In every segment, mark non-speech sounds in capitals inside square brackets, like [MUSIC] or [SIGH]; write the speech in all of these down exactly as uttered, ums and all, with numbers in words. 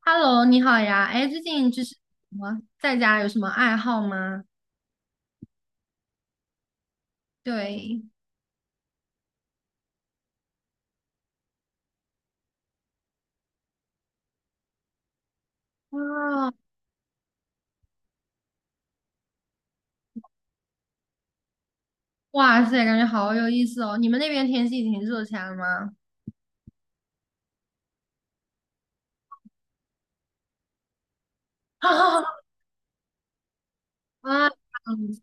Hello，你好呀。哎，最近就是什么在家有什么爱好吗？对，啊，哇塞，感觉好有意思哦。你们那边天气挺热起来了吗？[LAUGHS] 啊，嗯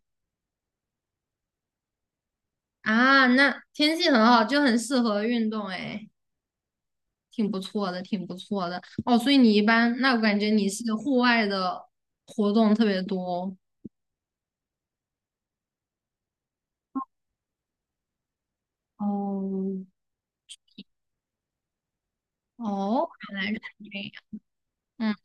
啊，那天气很好，就很适合运动，哎，挺不错的，挺不错的。哦，所以你一般，那我感觉你是户外的活动特别多。哦，哦，原来是这样。嗯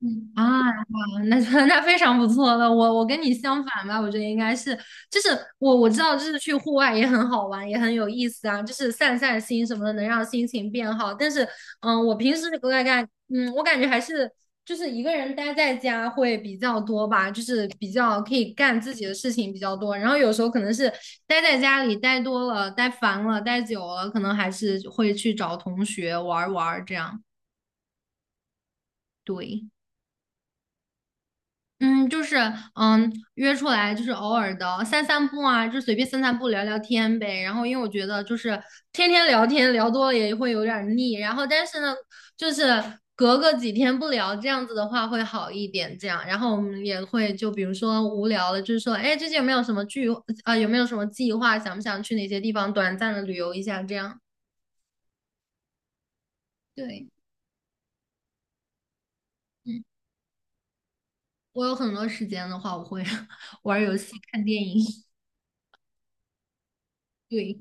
嗯啊，好那 [LAUGHS] 那非常不错了。我我跟你相反吧，我觉得应该是，就是我我知道，就是去户外也很好玩，也很有意思啊，就是散散心什么的，能让心情变好。但是，嗯，我平时我感感，嗯，我感觉还是就是一个人待在家会比较多吧，就是比较可以干自己的事情比较多。然后有时候可能是待在家里待多了、待烦了、待久了，可能还是会去找同学玩儿玩儿这样。对。嗯，就是嗯，约出来就是偶尔的散散步啊，就随便散散步聊聊天呗。然后因为我觉得就是天天聊天聊多了也会有点儿腻，然后但是呢，就是隔个几天不聊这样子的话会好一点。这样，然后我们也会就比如说无聊了，就是说，哎，最近有没有什么聚啊、呃有没有什么计划？想不想去哪些地方短暂的旅游一下？这样，对，嗯，我有很多时间的话，我会 [LAUGHS] 玩儿游戏、看电影，[LAUGHS] 对。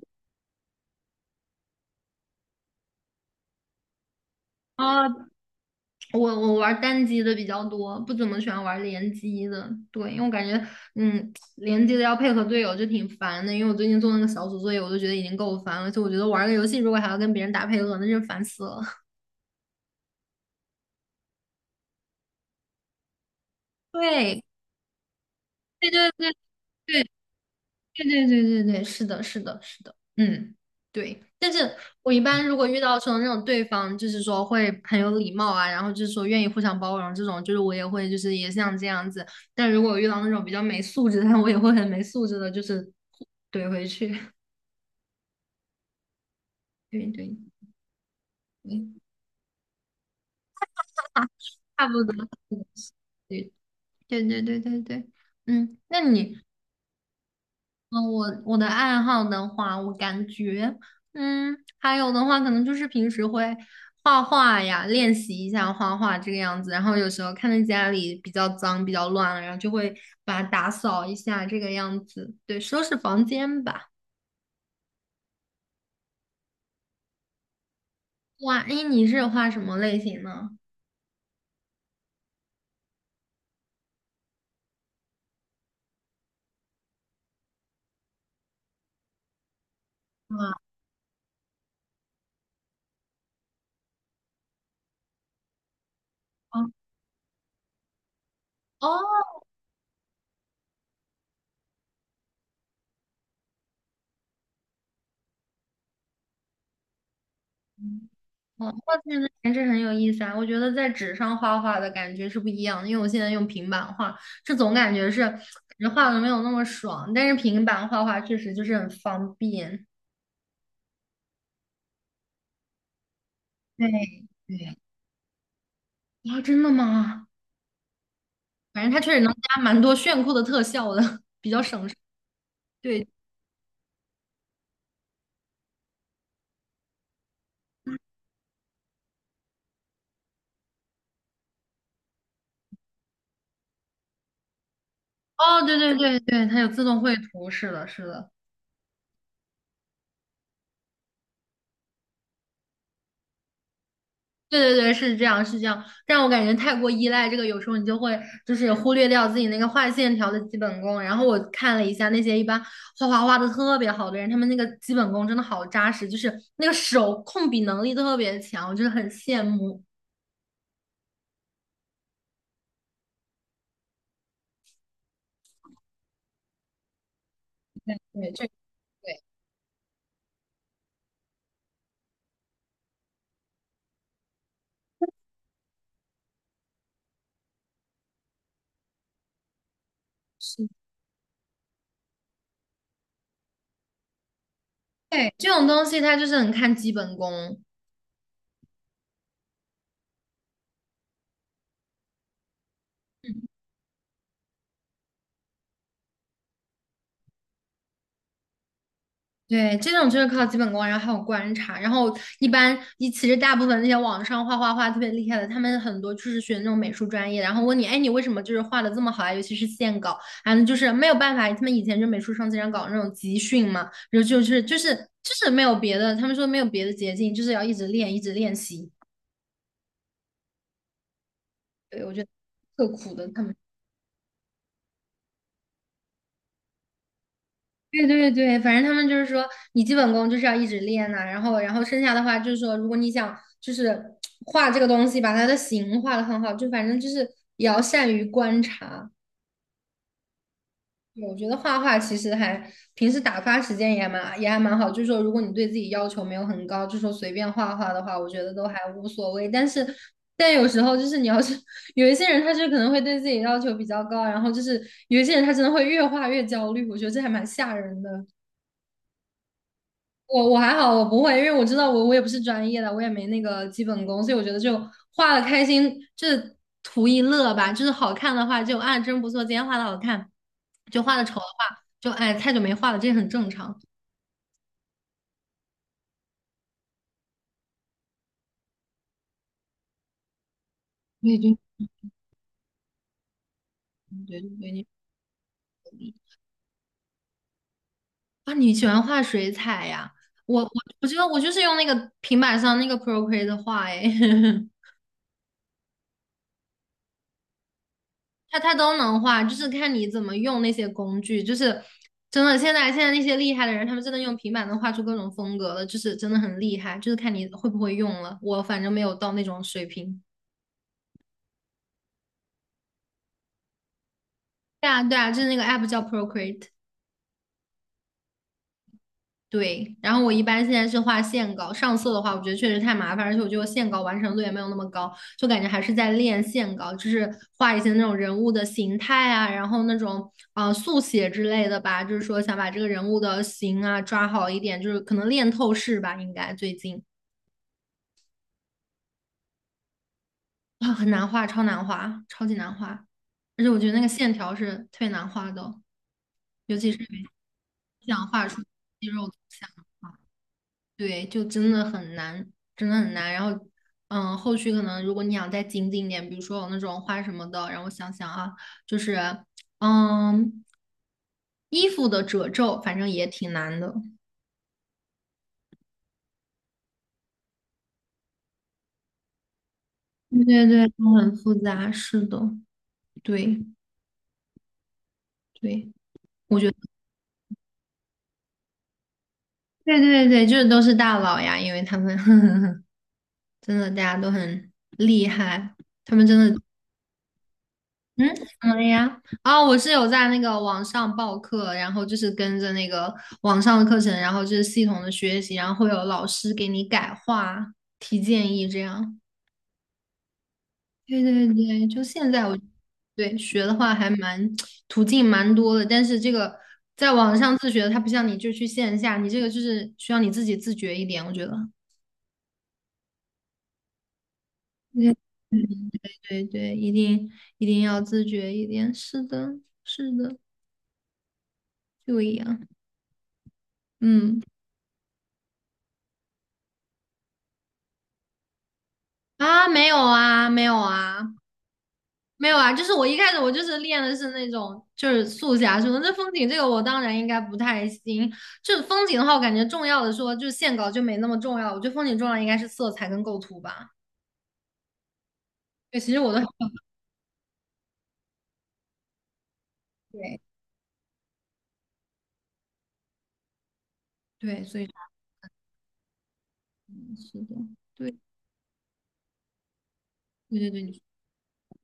哦，我我玩单机的比较多，不怎么喜欢玩联机的。对，因为我感觉，嗯，联机的要配合队友就挺烦的。因为我最近做那个小组作业，我都觉得已经够烦了。就我觉得玩个游戏如果还要跟别人打配合，那就烦死了。[LAUGHS] 对，对对对对对对对对对，是的，是的，是的，嗯，对。但是我一般如果遇到说那种对方，就是说会很有礼貌啊，然后就是说愿意互相包容这种，就是我也会就是也像这样子。但如果我遇到那种比较没素质的，[LAUGHS] 我也会很没素质的，就是怼回去。[LAUGHS] 对对对，差不多。对对对对对对，嗯，那你嗯，我我的爱好的话，我感觉，嗯，还有的话，可能就是平时会画画呀，练习一下画画这个样子。然后有时候看见家里比较脏、比较乱了，然后就会把它打扫一下这个样子，对，收拾房间吧。哇，哎，你是画什么类型呢？啊，哦，哦哦，画自来的颜值很有意思啊！我觉得在纸上画画的感觉是不一样的，因为我现在用平板画，这总感觉是感觉画的没有那么爽，但是平板画画确实就是很方便。对对。啊，真的吗？反正它确实能加蛮多炫酷的特效的，[LAUGHS] 比较省事对，哦，对对对对，它有自动绘图，是的，是的。对对对，是这样，是这样，让我感觉太过依赖这个，有时候你就会就是忽略掉自己那个画线条的基本功。然后我看了一下那些一般画画画的特别好的人，他们那个基本功真的好扎实，就是那个手控笔能力特别强，我就是很羡慕。对，这对是。对，这种东西它就是很看基本功。对，这种就是靠基本功，然后还有观察，然后一般一其实大部分那些网上画画画特别厉害的，他们很多就是学那种美术专业，然后问你，哎，你为什么就是画的这么好啊？尤其是线稿，反正就是没有办法，他们以前就美术生经常搞那种集训嘛，然后就是就是就是没有别的，他们说没有别的捷径，就是要一直练，一直练习。对，我觉得特苦的，他们。对对对，反正他们就是说，你基本功就是要一直练呐、然后然后剩下的话就是说，如果你想就是画这个东西，把它的形画的很好，就反正就是也要善于观察。对我觉得画画其实还平时打发时间也蛮也还蛮好，就是说如果你对自己要求没有很高，就说随便画画的话，我觉得都还无所谓。但是但有时候就是你要是 [LAUGHS] 有一些人，他就可能会对自己要求比较高，然后就是有一些人他真的会越画越焦虑，我觉得这还蛮吓人的。我我还好，我不会，因为我知道我我也不是专业的，我也没那个基本功，所以我觉得就画的开心，就是图一乐吧。就是好看的话就啊真不错，今天画的好看，就画的丑的话就哎太久没画了，这也很正常。对对对对对，啊，你喜欢画水彩呀？我我我觉得我就是用那个平板上那个 Procreate 画哎。[LAUGHS] 它它都能画，就是看你怎么用那些工具。就是真的，现在现在那些厉害的人，他们真的用平板能画出各种风格了，就是真的很厉害。就是看你会不会用了。我反正没有到那种水平。对啊，对啊，就是那个 app 叫 Procreate。对，然后我一般现在是画线稿，上色的话，我觉得确实太麻烦，而且我觉得线稿完成度也没有那么高，就感觉还是在练线稿，就是画一些那种人物的形态啊，然后那种呃速写之类的吧，就是说想把这个人物的形啊抓好一点，就是可能练透视吧，应该最近啊很难画，超难画，超级难画，而且我觉得那个线条是特别难画的哦，尤其是想画出肌肉图像。对，就真的很难，真的很难。然后，嗯，后续可能如果你想再精进一点，比如说有那种画什么的，让我想想啊，就是，嗯，衣服的褶皱，反正也挺难的。对对对，都很复杂，是的，对对，我觉得，对对对，就是都是大佬呀，因为他们 [LAUGHS] 真的大家都很厉害，他们真的嗯，怎么了呀？啊、我是有在那个网上报课，然后就是跟着那个网上的课程，然后就是系统的学习，然后会有老师给你改话、提建议这样。对对对，就现在我对学的话还蛮途径蛮多的，但是这个在网上自学的它不像你就去线下，你这个就是需要你自己自觉一点，我觉得。对对对，一定一定要自觉一点，是的，是的，就一样，嗯。啊，没有啊，没有啊，没有啊，就是我一开始我就是练的是那种就是速侠什么，这风景这个我当然应该不太行。就是风景的话，我感觉重要的说就是线稿就没那么重要，我觉得风景重要应该是色彩跟构图吧。对，其实我都很对对，所以嗯是的，对对对对，你说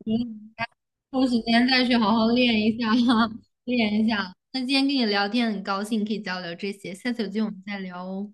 嗯抽时间再去好好练一下，[LAUGHS] 练一下。那今天跟你聊天很高兴，可以交流这些，下次有机会我们再聊哦。